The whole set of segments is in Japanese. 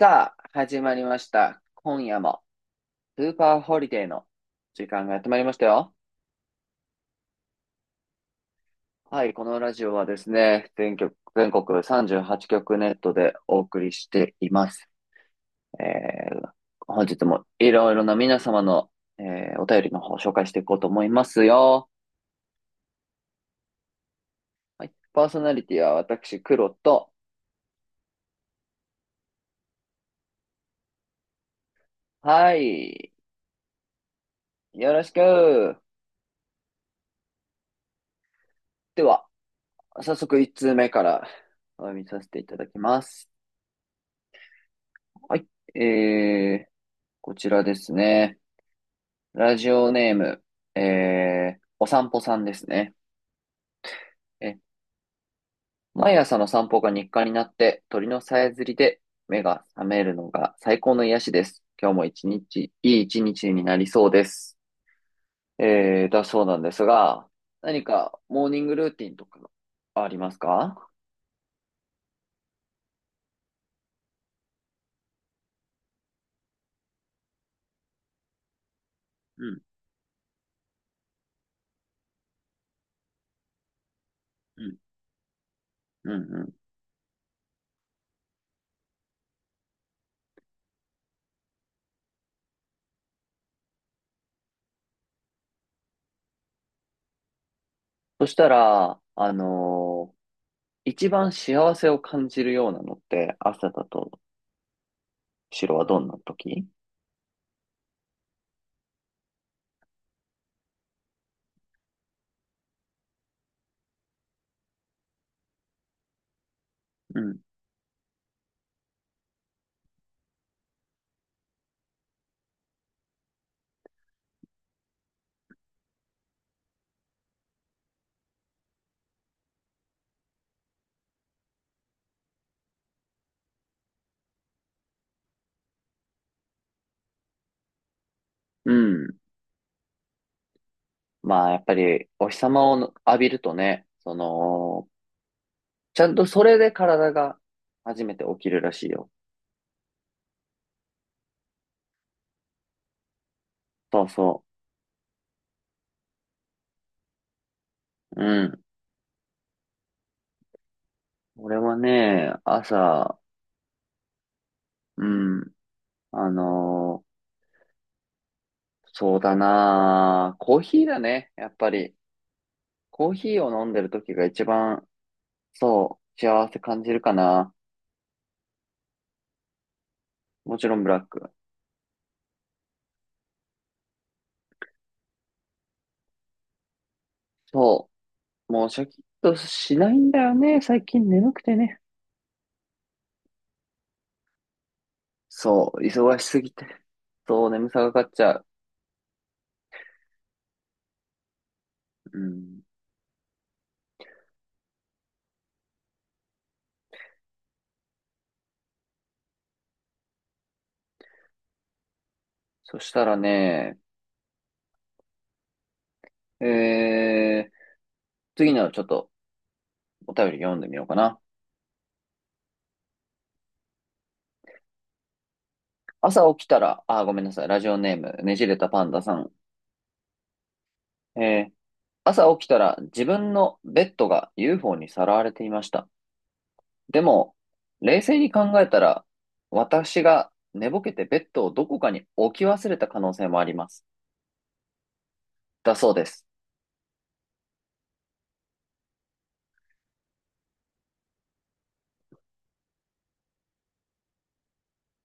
さあ、始まりました。今夜も、スーパーホリデーの時間がやってまいりましたよ。はい、このラジオはですね、全局、全国38局ネットでお送りしています。えー、本日もいろいろな皆様の、えお便りの方を紹介していこうと思いますよ。はい、パーソナリティは私、黒と、はい、よろしく。では、早速1通目からお読みさせていただきます。はい。えー、こちらですね。ラジオネーム、お散歩さんですね。え、毎朝の散歩が日課になって、鳥のさえずりで目が覚めるのが最高の癒しです。今日も一日、いい一日になりそうです。だそうなんですが、何かモーニングルーティンとかありますか？うん、うん、うん、うん。そしたら、一番幸せを感じるようなのって朝だと、白はどんな時？うん。うん。まあ、やっぱり、お日様を浴びるとね、ちゃんとそれで体が初めて起きるらしいよ。そうそう。うん。俺はね、朝、うん、あのーそうだなーコーヒーだね、やっぱり。コーヒーを飲んでる時が一番、そう、幸せ感じるかな。もちろんブラック。そう。もうシャキッとしないんだよね。最近眠くてね。そう、忙しすぎて。そう、眠さがかかっちゃう。うん。そしたらね、えー、次のちょっとお便り読んでみようかな。朝起きたら、あー、ごめんなさい。ラジオネーム、ねじれたパンダさん。えー、朝起きたら自分のベッドが UFO にさらわれていました。でも、冷静に考えたら、私が寝ぼけてベッドをどこかに置き忘れた可能性もあります。だそうです。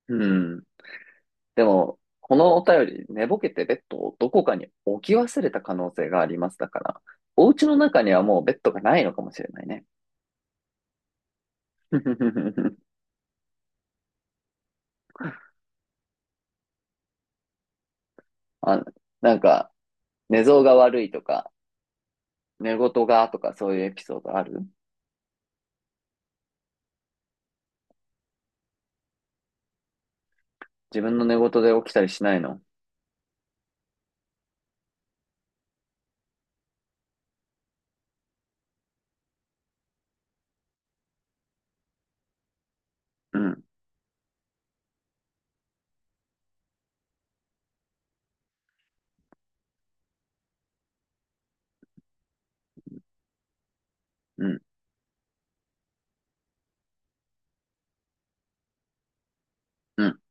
うん。でも、このお便り、寝ぼけてベッドをどこかに置き忘れた可能性があります。だから、お家の中にはもうベッドがないのかもしれないね。あ、なんか、寝相が悪いとか、寝言がとかそういうエピソードある？自分の寝言で起きたりしないの？うん、うん、うん、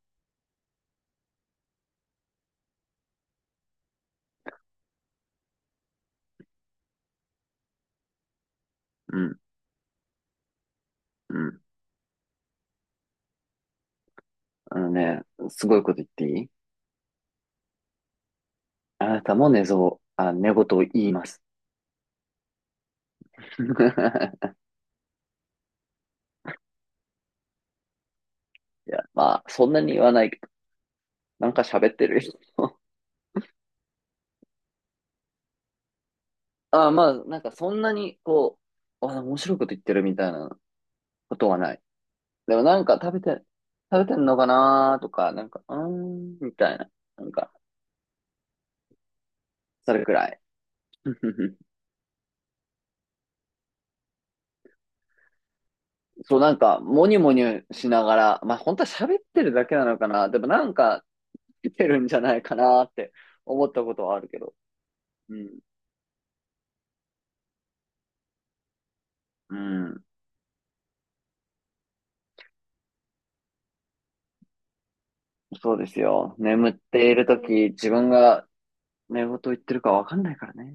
うん、うん。あのね、すごいこと言っていい？あなたも寝相、あ、寝言を言います。いや、まあ、そんなに言わないけど、なんか喋ってる。ああ、まあ、なんかそんなに、こう、あ、面白いこと言ってるみたいなことはない。でもなんか食べてんのかなーとか、なんか、うーん、みたいな。なんか、それくらい。そう、なんか、もにもにしながら、まあ、本当は喋ってるだけなのかな。でもなんか、出てるんじゃないかなーって思ったことはあるけど。うん。うん。そうですよ。眠っているとき、自分が寝言言ってるかわかんないからね。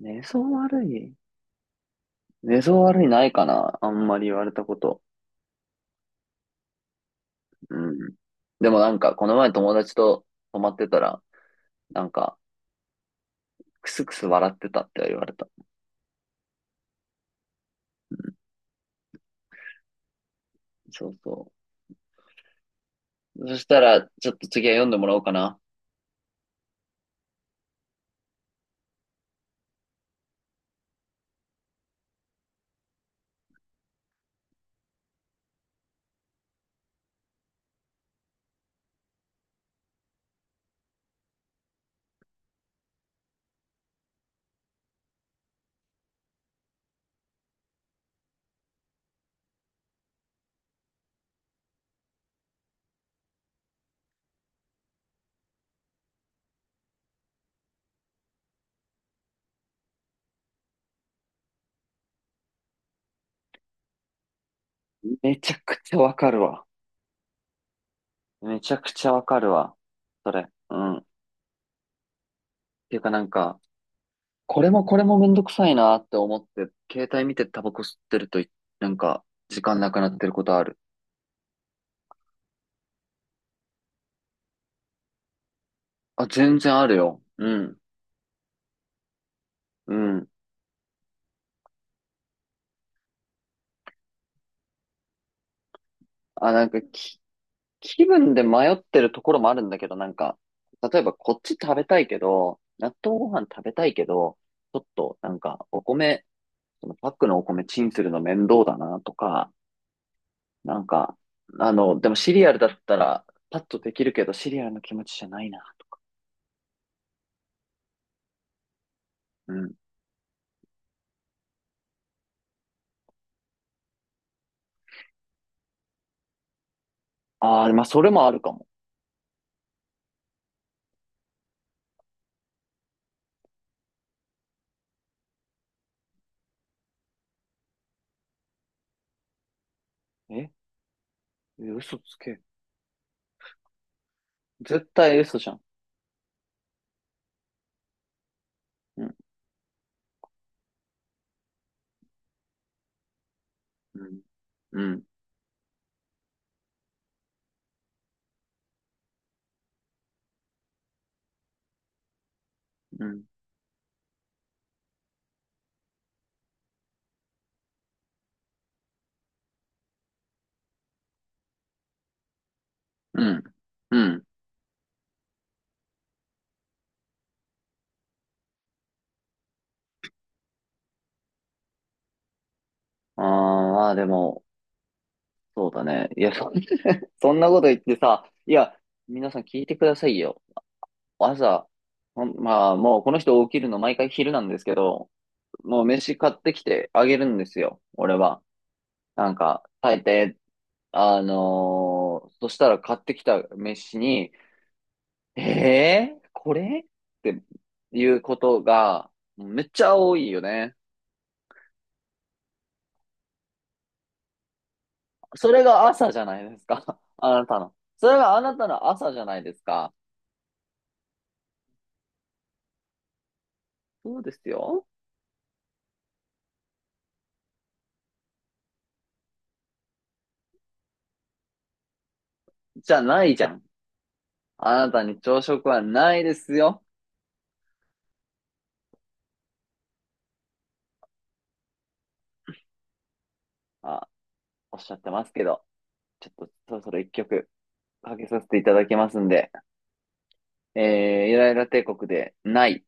寝相悪い？寝相悪いないかな、あんまり言われたこと。うん。でもなんか、この前友達と泊まってたら、なんか、クスクス笑ってたって言われた。うん。そうそう。そしたら、ちょっと次は読んでもらおうかな。めちゃくちゃわかるわ。めちゃくちゃわかるわ。それ。うん。っていうかなんか、これもこれもめんどくさいなって思って、携帯見てタバコ吸ってるとい、なんか、時間なくなってることある。あ、全然あるよ。うん。うん。あ、なんか気分で迷ってるところもあるんだけど、なんか、例えばこっち食べたいけど、納豆ご飯食べたいけど、ちょっとなんかお米、そのパックのお米チンするの面倒だなとか、なんか、でもシリアルだったらパッとできるけど、シリアルの気持ちじゃないなと。うん。ああ、まあそれもあるかも。ええ嘘つけ。絶対嘘じゃん。うん。うん。うん。うん。うん。うん。ああ、まあでも、そうだね。いや、そんなこと言ってさ、いや、皆さん聞いてくださいよ。朝、ほんまあもうこの人起きるの毎回昼なんですけど、もう飯買ってきてあげるんですよ、俺は。なんか、大抵、そしたら買ってきた飯に、これっていうことがめっちゃ多いよね。それが朝じゃないですか。あなたの。それがあなたの朝じゃないですか。そうですよ。じゃないじゃん。あなたに朝食はないですよ。あ、おっしゃってますけど、ちょっとそろそろ一曲かけさせていただきますんで、イライラ帝国でない。